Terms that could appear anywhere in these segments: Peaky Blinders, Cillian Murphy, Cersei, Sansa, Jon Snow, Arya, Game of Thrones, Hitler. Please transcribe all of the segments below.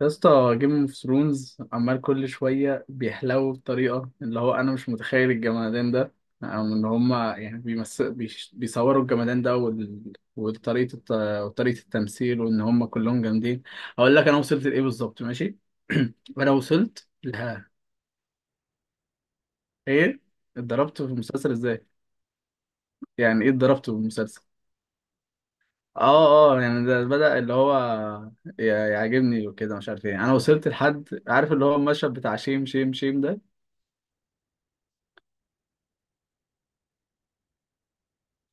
يا اسطى جيم اوف ثرونز عمال كل شويه بيحلو بطريقه اللي هو، انا مش متخيل الجمدان ده او ان هما بيصوروا الجمدان ده وطريقه التمثيل وان هما كلهم جامدين. هقول لك انا وصلت لايه بالظبط، ماشي؟ انا وصلت لها. ايه اتضربت في المسلسل ازاي؟ يعني ايه اتضربت في المسلسل؟ اه، يعني ده بدأ اللي هو يعجبني وكده، مش عارف ايه. انا وصلت لحد، عارف اللي هو المشهد بتاع شيم ده؟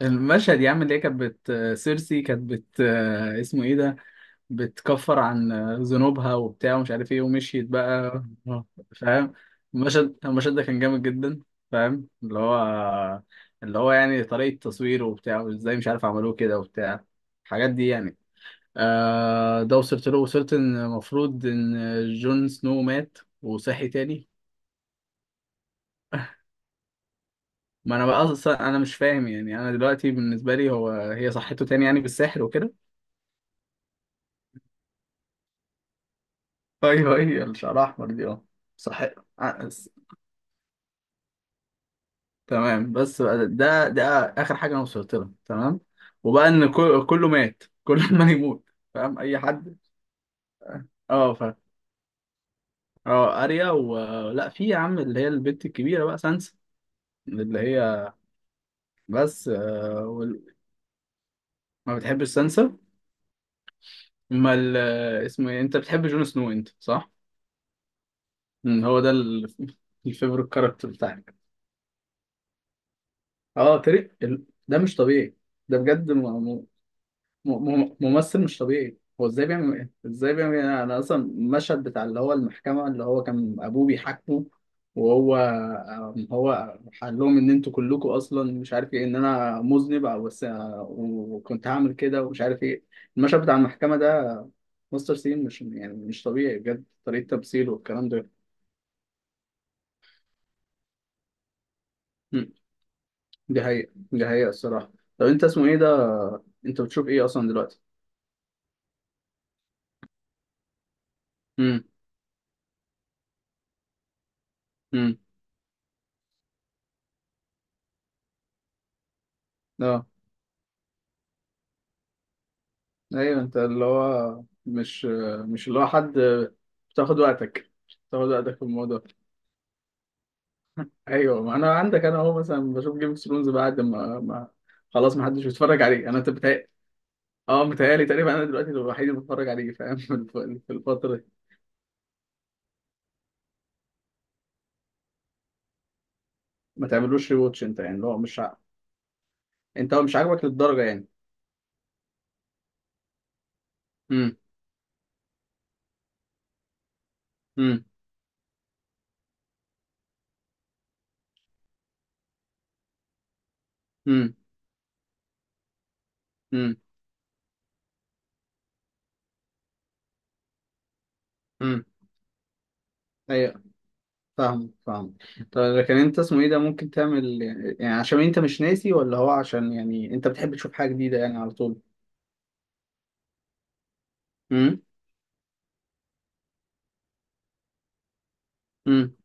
المشهد يا عم اللي هي كانت بت، سيرسي كانت بت، اسمه ايه ده، بتكفر عن ذنوبها وبتاع ومش عارف ايه، ومشيت بقى. فاهم؟ المشهد ده كان جامد جدا. فاهم؟ اللي هو، اللي هو يعني طريقة تصويره وبتاع، وازاي مش عارف عملوه كده وبتاع، الحاجات دي يعني. آه، ده وصلت له. وصلت ان المفروض ان جون سنو مات وصحي تاني. ما انا بقى اصلا انا مش فاهم، يعني انا دلوقتي بالنسبة لي هو، هي صحته تاني يعني بالسحر وكده؟ ايوه، هي الشعر احمر دي، اه. صح. ع- س- تمام. بس بقى ده اخر حاجه انا وصلت لها، تمام. وبقى ان كله مات، كل ما يموت. فاهم اي حد؟ اه فاهم. اه، اريا و، لا في يا عم اللي هي البنت الكبيره بقى، سانسا. اللي هي، بس ما بتحبش سانسا؟ ما ال... اسمه ايه، انت بتحب جون سنو انت، صح؟ هو ده الفيفوريت كاركتر بتاعك. اه ده مش طبيعي، ده بجد. ممثل مش طبيعي. هو ازاي بيعمل ايه، ازاي بيعمل ايه؟ انا اصلا المشهد بتاع اللي هو المحكمه، اللي هو كان ابوه بيحاكمه، وهو هو قال لهم ان انتوا كلكم اصلا مش عارف ايه، ان انا مذنب او بس وكنت هعمل كده ومش عارف ايه. المشهد بتاع المحكمه ده، مستر سين، مش يعني مش طبيعي بجد طريقه تمثيله والكلام ده. م، دي حقيقه، دي حقيقه الصراحه. طب انت اسمه ايه ده، انت بتشوف ايه اصلا دلوقتي؟ امم امم اه. ايوه، انت اللي هو مش، مش اللي هو حد بتاخد وقتك، بتاخد وقتك في الموضوع. ايوه، ما انا عندك، انا اهو مثلا بشوف جيم اوف ثرونز بعد ما خلاص ما حدش بيتفرج عليه. انا، انت بتهيأ اه، متهيألي تقريبا انا دلوقتي الوحيد اللي بتفرج عليه، فاهم؟ في في الفتره دي. ما تعملوش ري واتش انت، يعني اللي هو مش انت هو مش عاجبك للدرجه يعني؟ امم امم امم امم، فاهم فاهم. طيب لكن انت اسمه ايه ده، ممكن تعمل يعني، عشان انت مش ناسي، ولا هو عشان يعني انت بتحب تشوف حاجه جديده يعني على طول؟ امم امم.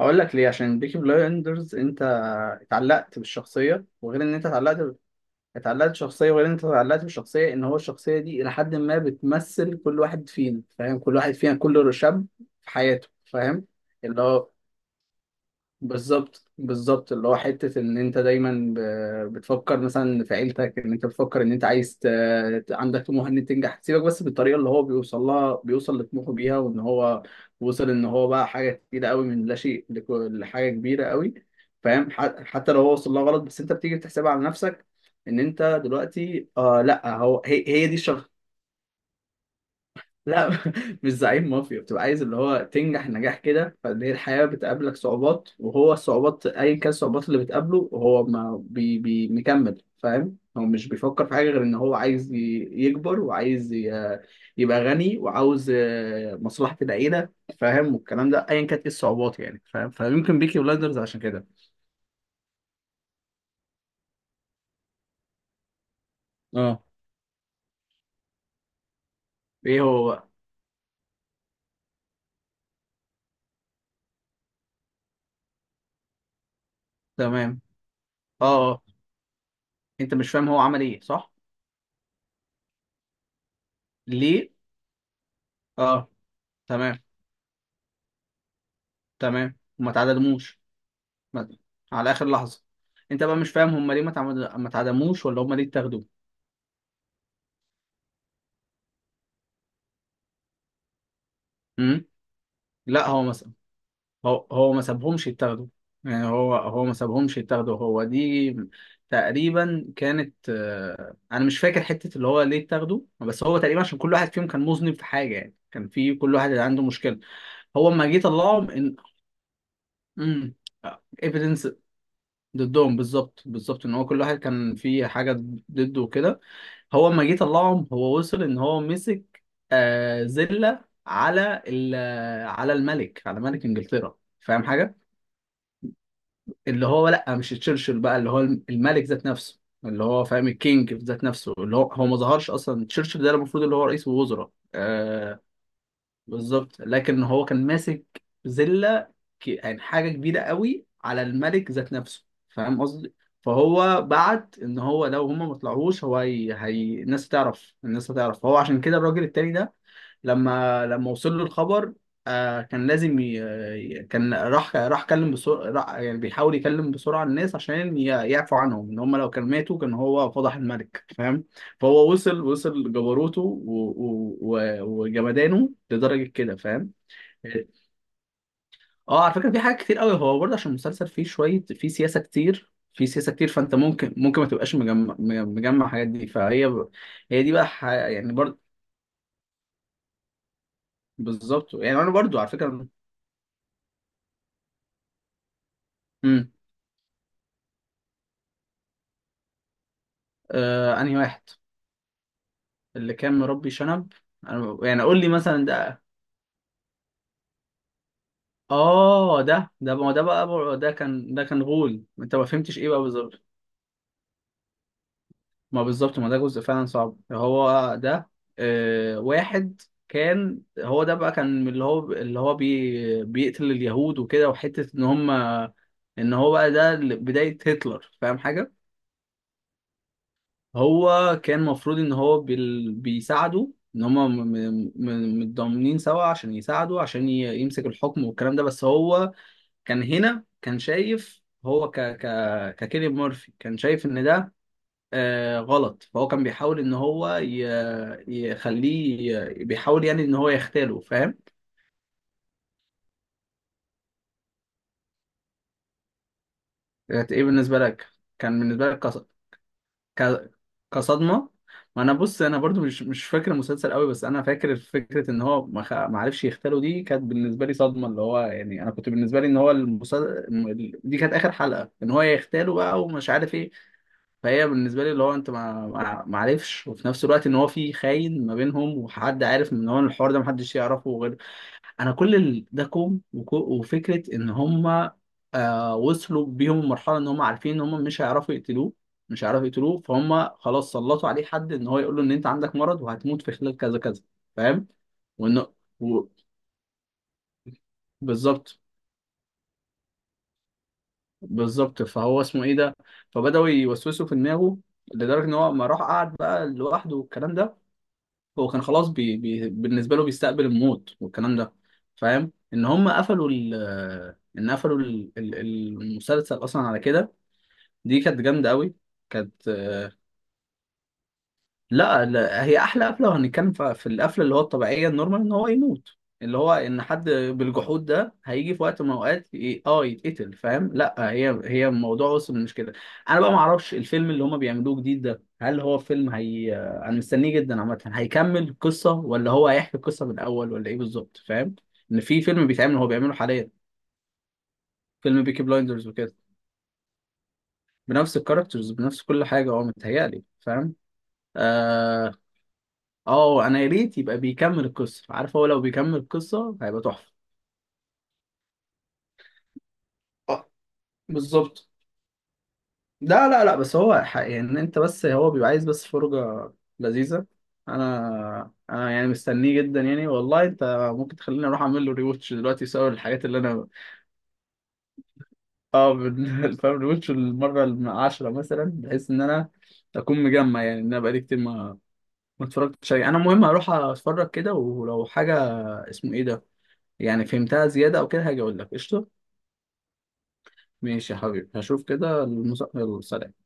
هقول لك ليه، عشان بيكي بلايندرز انت اتعلقت بالشخصيه، وغير ان انت اتعلقت، اتعلقت بالشخصيه، وغير ان انت اتعلقت بالشخصيه، ان هو الشخصيه دي الى حد ما بتمثل كل واحد فينا. فاهم؟ كل واحد فينا، كل شاب في حياته. فاهم؟ اللي هو، بالظبط بالظبط، اللي هو حتة إن أنت دايما بتفكر مثلا في عيلتك، إن أنت بتفكر إن أنت عايز عندك طموح إن أنت تنجح، سيبك بس بالطريقة اللي هو بيوصل لها، بيوصل لطموحه بيها، وإن هو وصل إن هو بقى حاجة كتيرة قوي، من لا شيء لحاجة كبيرة قوي. فاهم؟ حتى لو هو وصل لها غلط، بس أنت بتيجي بتحسبها على نفسك. إن أنت دلوقتي، آه لأ، هو هي دي. لا، مش زعيم مافيا، بتبقى عايز اللي هو تنجح نجاح كده. فان هي الحياة بتقابلك صعوبات، وهو الصعوبات ايا كان الصعوبات اللي بتقابله، هو ما بي بي مكمل. فاهم؟ هو مش بيفكر في حاجة غير ان هو عايز يكبر، وعايز يبقى غني، وعاوز مصلحة العيلة. فاهم؟ والكلام ده ايا كانت ايه الصعوبات يعني. فاهم؟ فيمكن بيكي بلايندرز عشان كده. اه، ايه هو بقى؟ تمام. اه آه. انت مش فاهم هو عمل ايه، صح؟ ليه، اه، تمام. تمام، وما تعادلوش، مثلا، على اخر لحظه. انت بقى مش فاهم هم ليه ما اتعدموش، ولا هم ليه اتاخدوا؟ امم، لا هو مثلا، هو ما سابهمش يتاخدوا، يعني هو ما سابهمش يتاخدوا. هو دي تقريبا كانت، انا مش فاكر حته اللي هو ليه اتاخدوا، بس هو تقريبا عشان كل واحد فيهم كان مذنب في حاجه يعني، كان في كل واحد عنده مشكله. هو اما جه طلعهم ان، امم، evidence ضدهم. بالظبط بالظبط، ان هو كل واحد كان في حاجه ضده وكده. هو لما جه طلعهم، هو وصل ان هو مسك آه زله على على الملك، على ملك انجلترا، فاهم حاجه؟ اللي هو لا، مش تشرشل بقى، اللي هو الملك ذات نفسه، اللي هو فاهم، الكينج ذات نفسه. اللي هو هو ما ظهرش اصلا تشرشل ده، المفروض اللي هو رئيس الوزراء. بالظبط، لكن هو كان ماسك زلة، يعني حاجة كبيرة قوي على الملك ذات نفسه، فاهم قصدي؟ فهو بعت ان هو لو هما ما طلعوش، هو الناس هتعرف، الناس هتعرف. فهو عشان كده الراجل التاني ده، لما وصل له الخبر، آه، كان لازم كان راح كلم بسرعة، يعني بيحاول يكلم بسرعة الناس عشان يعفوا عنهم، ان هم لو كان ماتوا كان هو فضح الملك. فاهم؟ فهو وصل، وصل جبروته وجمدانه لدرجة كده، فاهم؟ اه، على فكرة في حاجات كتير قوي هو برضه، عشان المسلسل فيه شوية فيه سياسة كتير، في سياسة كتير، فانت ممكن ما تبقاش مجمع، مجمع الحاجات دي. هي دي بقى يعني برضه، بالظبط يعني، انا برضه على فكرة. مم. آه، انهي واحد؟ اللي كان مربي شنب؟ أنا يعني قول لي مثلا ده. اه، ده ده ما ده بقى ده كان غول، انت ما فهمتش ايه بقى بالظبط؟ ما بالظبط، ما ده جزء فعلا صعب، هو ده. آه، واحد كان هو ده بقى، كان اللي هو، اللي هو بي بيقتل اليهود وكده، وحتة ان هم، ان هو بقى ده بداية هتلر، فاهم حاجة؟ هو كان المفروض ان هو بيساعده، ان هما متضامنين سوا عشان يساعده، عشان يمسك الحكم والكلام ده. بس هو كان هنا كان شايف، هو ككيليان مورفي كان شايف ان ده آه غلط. فهو كان بيحاول ان هو يخليه بيحاول يعني ان هو يختاله، فاهم؟ كانت ايه بالنسبة لك؟ كان بالنسبة لك ك... كصدمه. ما انا بص، انا برضو مش مش فاكر المسلسل قوي، بس انا فاكر فكره ان هو ما عرفش يغتاله، دي كانت بالنسبه لي صدمه. اللي هو يعني انا كنت بالنسبه لي ان هو المسلسل دي كانت اخر حلقه ان هو يغتاله بقى، ومش عارف ايه. فهي بالنسبه لي اللي هو، انت ما عرفش، وفي نفس الوقت ان هو في خاين ما بينهم، وحد عارف ان هو الحوار ده محدش يعرفه غير، انا كل ده كوم، وفكره ان هم آه وصلوا بيهم المرحله ان هم عارفين ان هم مش هيعرفوا يقتلوه، مش هيعرفوا يقتلوه. فهم خلاص سلطوا عليه حد، ان هو يقول له ان انت عندك مرض وهتموت في خلال كذا كذا. فاهم؟ وانه و... بالظبط بالظبط. فهو اسمه ايه ده، فبداوا يوسوسوا في دماغه لدرجه ان هو، ما راح قعد بقى لوحده والكلام ده. هو كان خلاص بي بي بالنسبه له بيستقبل الموت والكلام ده. فاهم؟ ان هم قفلوا ال، ان قفلوا المسلسل اصلا على كده. دي كانت جامده قوي. كانت، لا، هي احلى قفله. لو هنتكلم في القفله اللي هو الطبيعيه النورمال، ان هو يموت، اللي هو ان حد بالجحود ده هيجي في وقت من الاوقات اه يتقتل، فاهم؟ لا، هي هي الموضوع وصل مش كده. انا بقى ما اعرفش الفيلم اللي هما بيعملوه جديد ده، هل هو فيلم، هي انا مستنيه جدا عامه، هيكمل قصه، ولا هو هيحكي القصه من الاول، ولا ايه بالظبط، فاهم؟ ان في فيلم بيتعمل، هو بيعمله حاليا، فيلم بيكي بلايندرز وكده، بنفس الكاركترز، بنفس كل حاجه، هو متهيألي، فاهم؟ آه، اه انا يا ريت يبقى بيكمل القصه، عارف؟ هو لو بيكمل القصه هيبقى تحفه. آه، بالظبط. لا لا لا، بس هو يعني إن انت، بس هو بيبقى عايز بس فرجة لذيذة. انا انا يعني مستنيه جدا يعني والله، انت ممكن تخليني اروح اعمل له ريوتش دلوقتي بسبب الحاجات اللي انا، اه، فاهم؟ ريوتش المرة العاشرة مثلا، بحيث ان انا اكون مجمع، يعني ان انا بقالي كتير ما اتفرجتش عليه. انا المهم هروح اتفرج كده، ولو حاجة اسمه ايه ده، يعني فهمتها زيادة او كده هاجي اقول لك، قشطة؟ ماشي يا حبيبي، هشوف كده. السلام.